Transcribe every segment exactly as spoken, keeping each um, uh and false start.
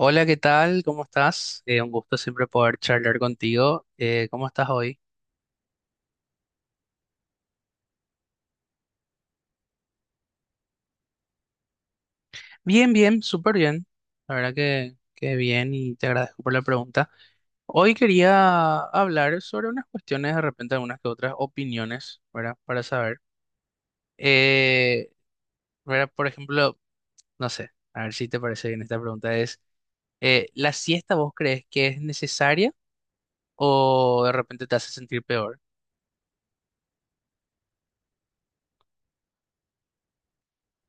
Hola, ¿qué tal? ¿Cómo estás? Eh, un gusto siempre poder charlar contigo. Eh, ¿cómo estás hoy? Bien, bien, súper bien. La verdad que, que bien y te agradezco por la pregunta. Hoy quería hablar sobre unas cuestiones, de repente algunas que otras opiniones, ¿verdad? Para saber. Eh, ¿verdad? Por ejemplo, no sé, a ver si te parece bien esta pregunta es, eh, ¿la siesta vos crees que es necesaria o de repente te hace sentir peor?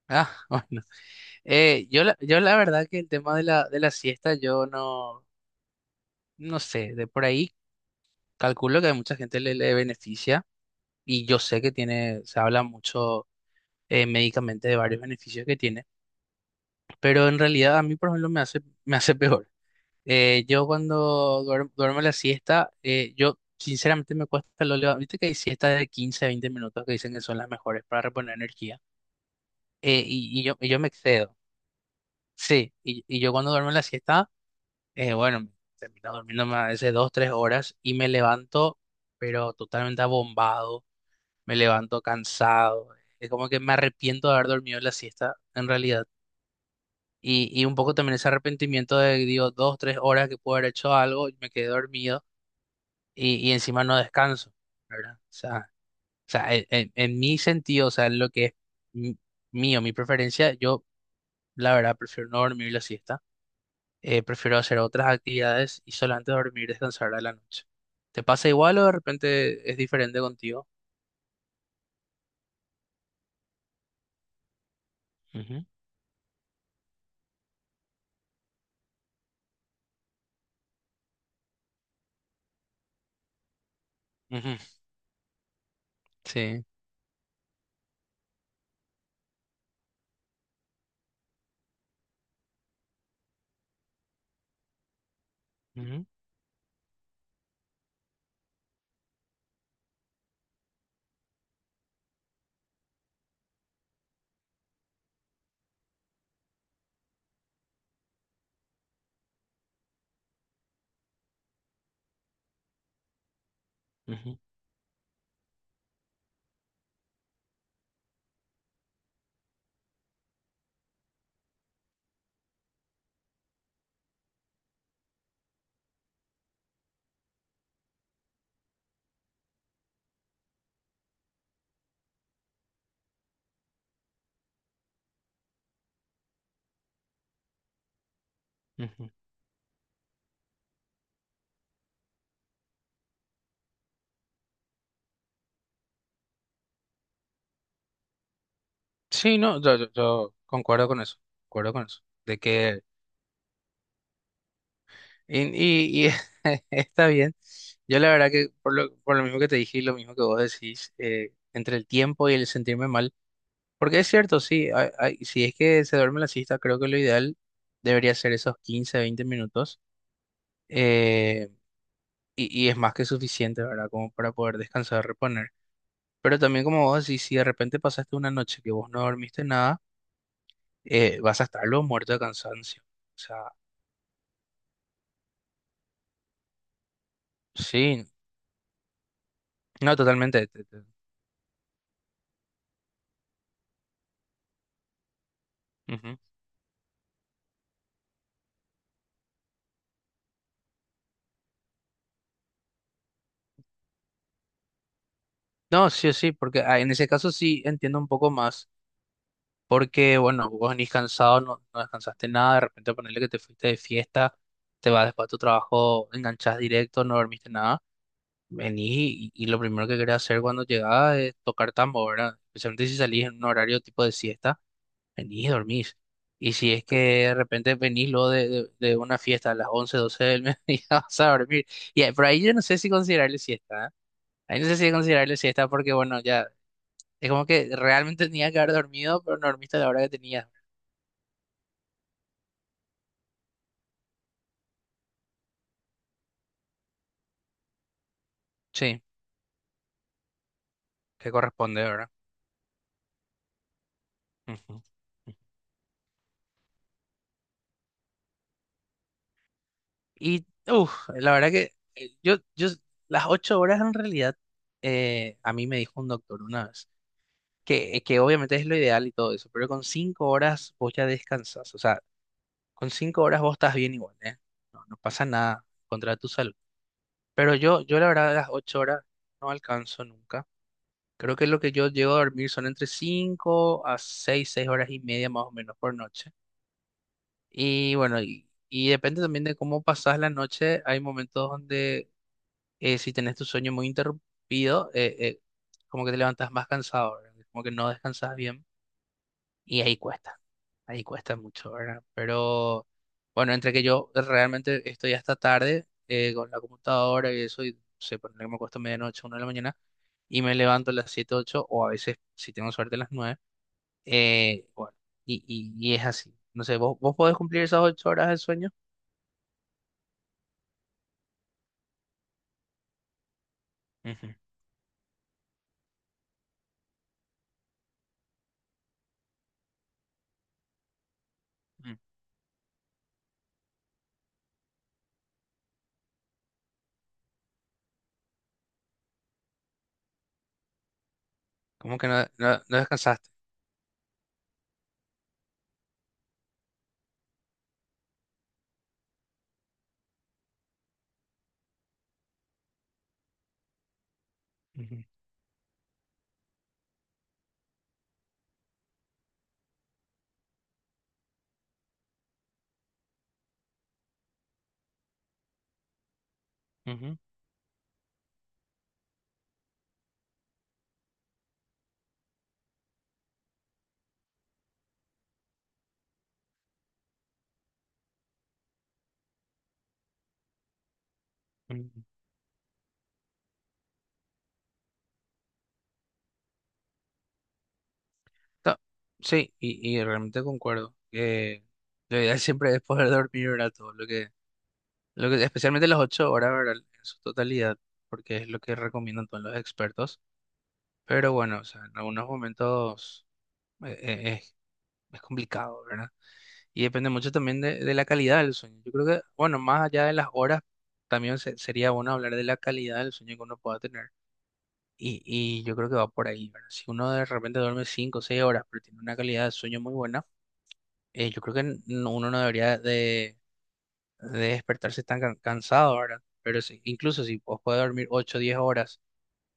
Ah, bueno. Eh, yo, la, yo la verdad que el tema de la, de la siesta, yo no, no sé, de por ahí calculo que a mucha gente le, le beneficia y yo sé que tiene, se habla mucho eh, médicamente de varios beneficios que tiene, pero en realidad a mí, por ejemplo, me hace, me hace peor. Eh, yo cuando duermo, duermo la siesta, eh, yo sinceramente me cuesta, lo leva- viste que hay siestas de quince a veinte minutos que dicen que son las mejores para reponer energía. Eh, y, y yo, y yo me excedo, sí, y, y yo cuando duermo la siesta Eh, bueno, termino durmiendo a veces dos, tres horas y me levanto, pero totalmente abombado, me levanto cansado. Es como que me arrepiento de haber dormido la siesta, en realidad. Y, y un poco también ese arrepentimiento de, digo, dos, tres horas que puedo haber hecho algo y me quedé dormido y, y encima no descanso, ¿verdad? O sea, o sea, en, en- en mi sentido, o sea, en lo que es mi- mío, mi preferencia, yo la verdad prefiero no dormir la siesta, eh, prefiero hacer otras actividades y solamente dormir y descansar a la noche. ¿Te pasa igual o de repente es diferente contigo? Ujú, ujú, sí. Ujú, ujú, ujú. Sí, no, yo, yo- yo concuerdo con eso, concuerdo con eso, de que, y, y- y está bien, yo la verdad que por lo, por lo mismo que te dije y lo mismo que vos decís, eh, entre el tiempo y el sentirme mal, porque es cierto, sí, hay- hay- si es que se duerme la siesta, creo que lo ideal debería ser esos quince, veinte minutos, eh, y, y es más que suficiente, ¿verdad? Como para poder descansar, reponer. Pero también como vos decís, si de repente pasaste una noche que vos no dormiste nada, eh, vas a estar luego muerto de cansancio. O sea, sí, no, totalmente. Te- te- ujú. No, sí, sí, porque ah, en ese caso sí entiendo un poco más, porque bueno, vos venís cansado, no, no descansaste nada, de repente ponerle que te fuiste de fiesta, te vas después a tu trabajo, enganchás directo, no dormiste nada. Vení y, y lo primero que quería hacer cuando llegaba es tocar tambo, ¿verdad? Especialmente si salís en un horario tipo de siesta, venís y dormís. Y si es que de repente venís luego de, de- de una fiesta a las once doce del mediodía, vas a dormir. Y ahí- por ahí yo no sé si considerarle siesta, ¿eh? Ahí no sé si considerarle siesta porque, bueno, ya es como que realmente tenía que haber dormido, pero no dormiste a la hora que tenías. Sí, que corresponde, ¿verdad? Ujú. Y uf, la verdad que eh, yo, yo, las ocho horas en realidad, eh, a mí me dijo un doctor una vez, que, que obviamente es lo ideal y todo eso, pero con cinco horas vos ya descansás, o sea, con cinco horas vos estás bien igual, ¿eh? No, no pasa nada contra tu salud. Pero yo, yo la verdad las ocho horas no alcanzo nunca. Creo que lo que yo llego a dormir son entre cinco a seis, seis horas y media más o menos por noche. Y bueno, y, y depende también de cómo pasás la noche. Hay momentos donde eh, si tenés tu sueño muy interrumpido, eh, eh, como que te levantas más cansado, ¿verdad? Como que no descansas bien y ahí cuesta, ahí cuesta mucho, ¿verdad? Pero bueno, entre que yo realmente estoy hasta tarde eh, con la computadora y eso, y no sé, por que me acuesto medianoche, una de la mañana, y me levanto a las siete ocho o a veces, si tengo suerte, a las nueve eh, bueno, y, y, y es así. No sé, ¿vos, ¿vos podés cumplir esas ocho horas de sueño? Ujú, ujú. ¿Cómo que no, no, no descansaste? Ujú, ujú, ujú. No, sí, y, y realmente concuerdo que lo ideal siempre es poder dormir, ¿verdad? Todo lo que, lo que, especialmente las ocho horas, ¿verdad? En su totalidad, porque es lo que recomiendan todos los expertos. Pero bueno, o sea, en algunos momentos eh, eh, es, es complicado, ¿verdad? Y depende mucho también de, de la calidad del sueño. Yo creo que, bueno, más allá de las horas, también se- sería bueno hablar de la calidad del sueño que uno pueda tener. Y, y yo creo que va por ahí, ¿verdad? Si uno de repente duerme cinco o seis horas, pero tiene una calidad de sueño muy buena, eh, yo creo que n- no- uno no debería de, de despertarse tan can- cansado, ¿verdad? Pero si- incluso si vos puedes dormir ocho o diez horas,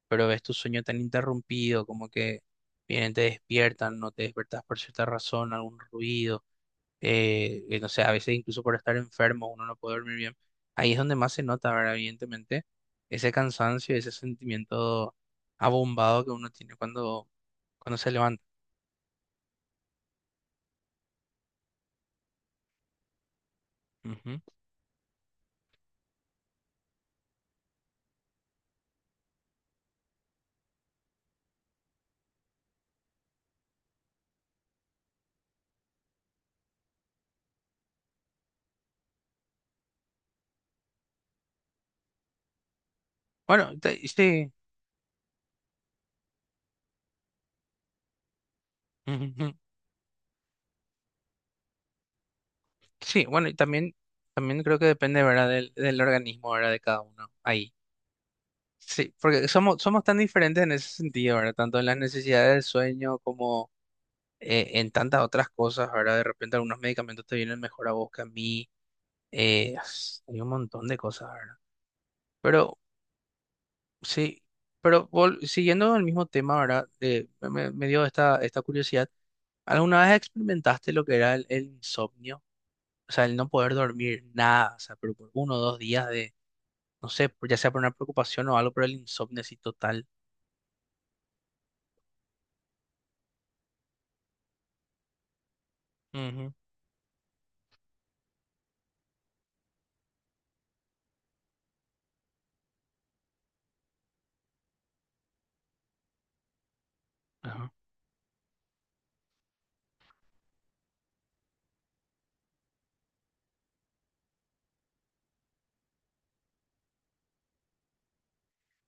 pero ves tu sueño tan interrumpido, como que vienen, te despiertan, no te despertás por cierta razón, algún ruido, eh, eh, no sé, a veces incluso por estar enfermo uno no puede dormir bien. Ahí es donde más se nota, ¿verdad? Evidentemente, ese cansancio, ese sentimiento abombado que uno tiene cuando, cuando se levanta. Ujú. Bueno, te- sí. Sí, bueno, y también, también creo que depende, ¿verdad? Del, del organismo, ¿verdad? De cada uno ahí. Sí, porque somos, somos tan diferentes en ese sentido, ¿verdad? Tanto en las necesidades del sueño como eh, en tantas otras cosas, ¿verdad? De repente algunos medicamentos te vienen mejor a vos que a mí. Eh, as- hay un montón de cosas, ¿verdad? Pero sí, pero vol- siguiendo el mismo tema, ¿verdad? Eh, me, me- me dio esta, esta curiosidad. ¿Alguna vez experimentaste lo que era el, el insomnio? O sea, el no poder dormir nada, o sea, pero por uno o dos días, no sé, por- ya sea por una preocupación o algo por el insomnio así total. Ujú, ajá.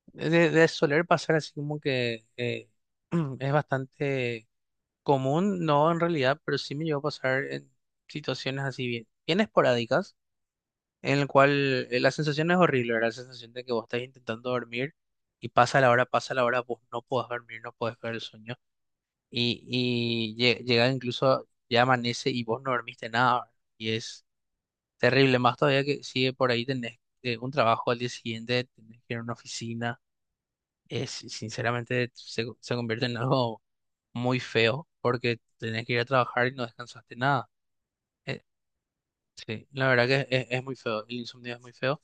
De, de soler pasar así como que eh, es bastante común, no en realidad, pero sí me llegó a pasar en situaciones así bien, bien esporádicas, en el cual eh, la sensación no es horrible, ¿verdad? La sensación de que vos estás intentando dormir y pasa la hora, pasa la hora, vos no podés dormir, no podés ver el sueño y, y lle- llega incluso, ya amanece y vos no dormiste nada, ¿verdad? Y es terrible, más todavía que sigue por ahí tenés eh, un trabajo al día siguiente, tenés que ir a una oficina. Es, sinceramente se, se convierte en algo muy feo porque tenés que ir a trabajar y no descansaste nada. Eh, sí, la verdad que es, es muy feo, el insomnio es muy feo.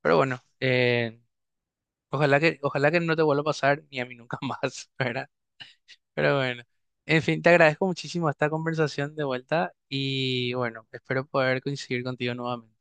Pero bueno, eh, ojalá que, ojalá que no te vuelva a pasar ni a mí nunca más, ¿verdad? Pero bueno, en fin, te agradezco muchísimo esta conversación de vuelta y bueno, espero poder coincidir contigo nuevamente.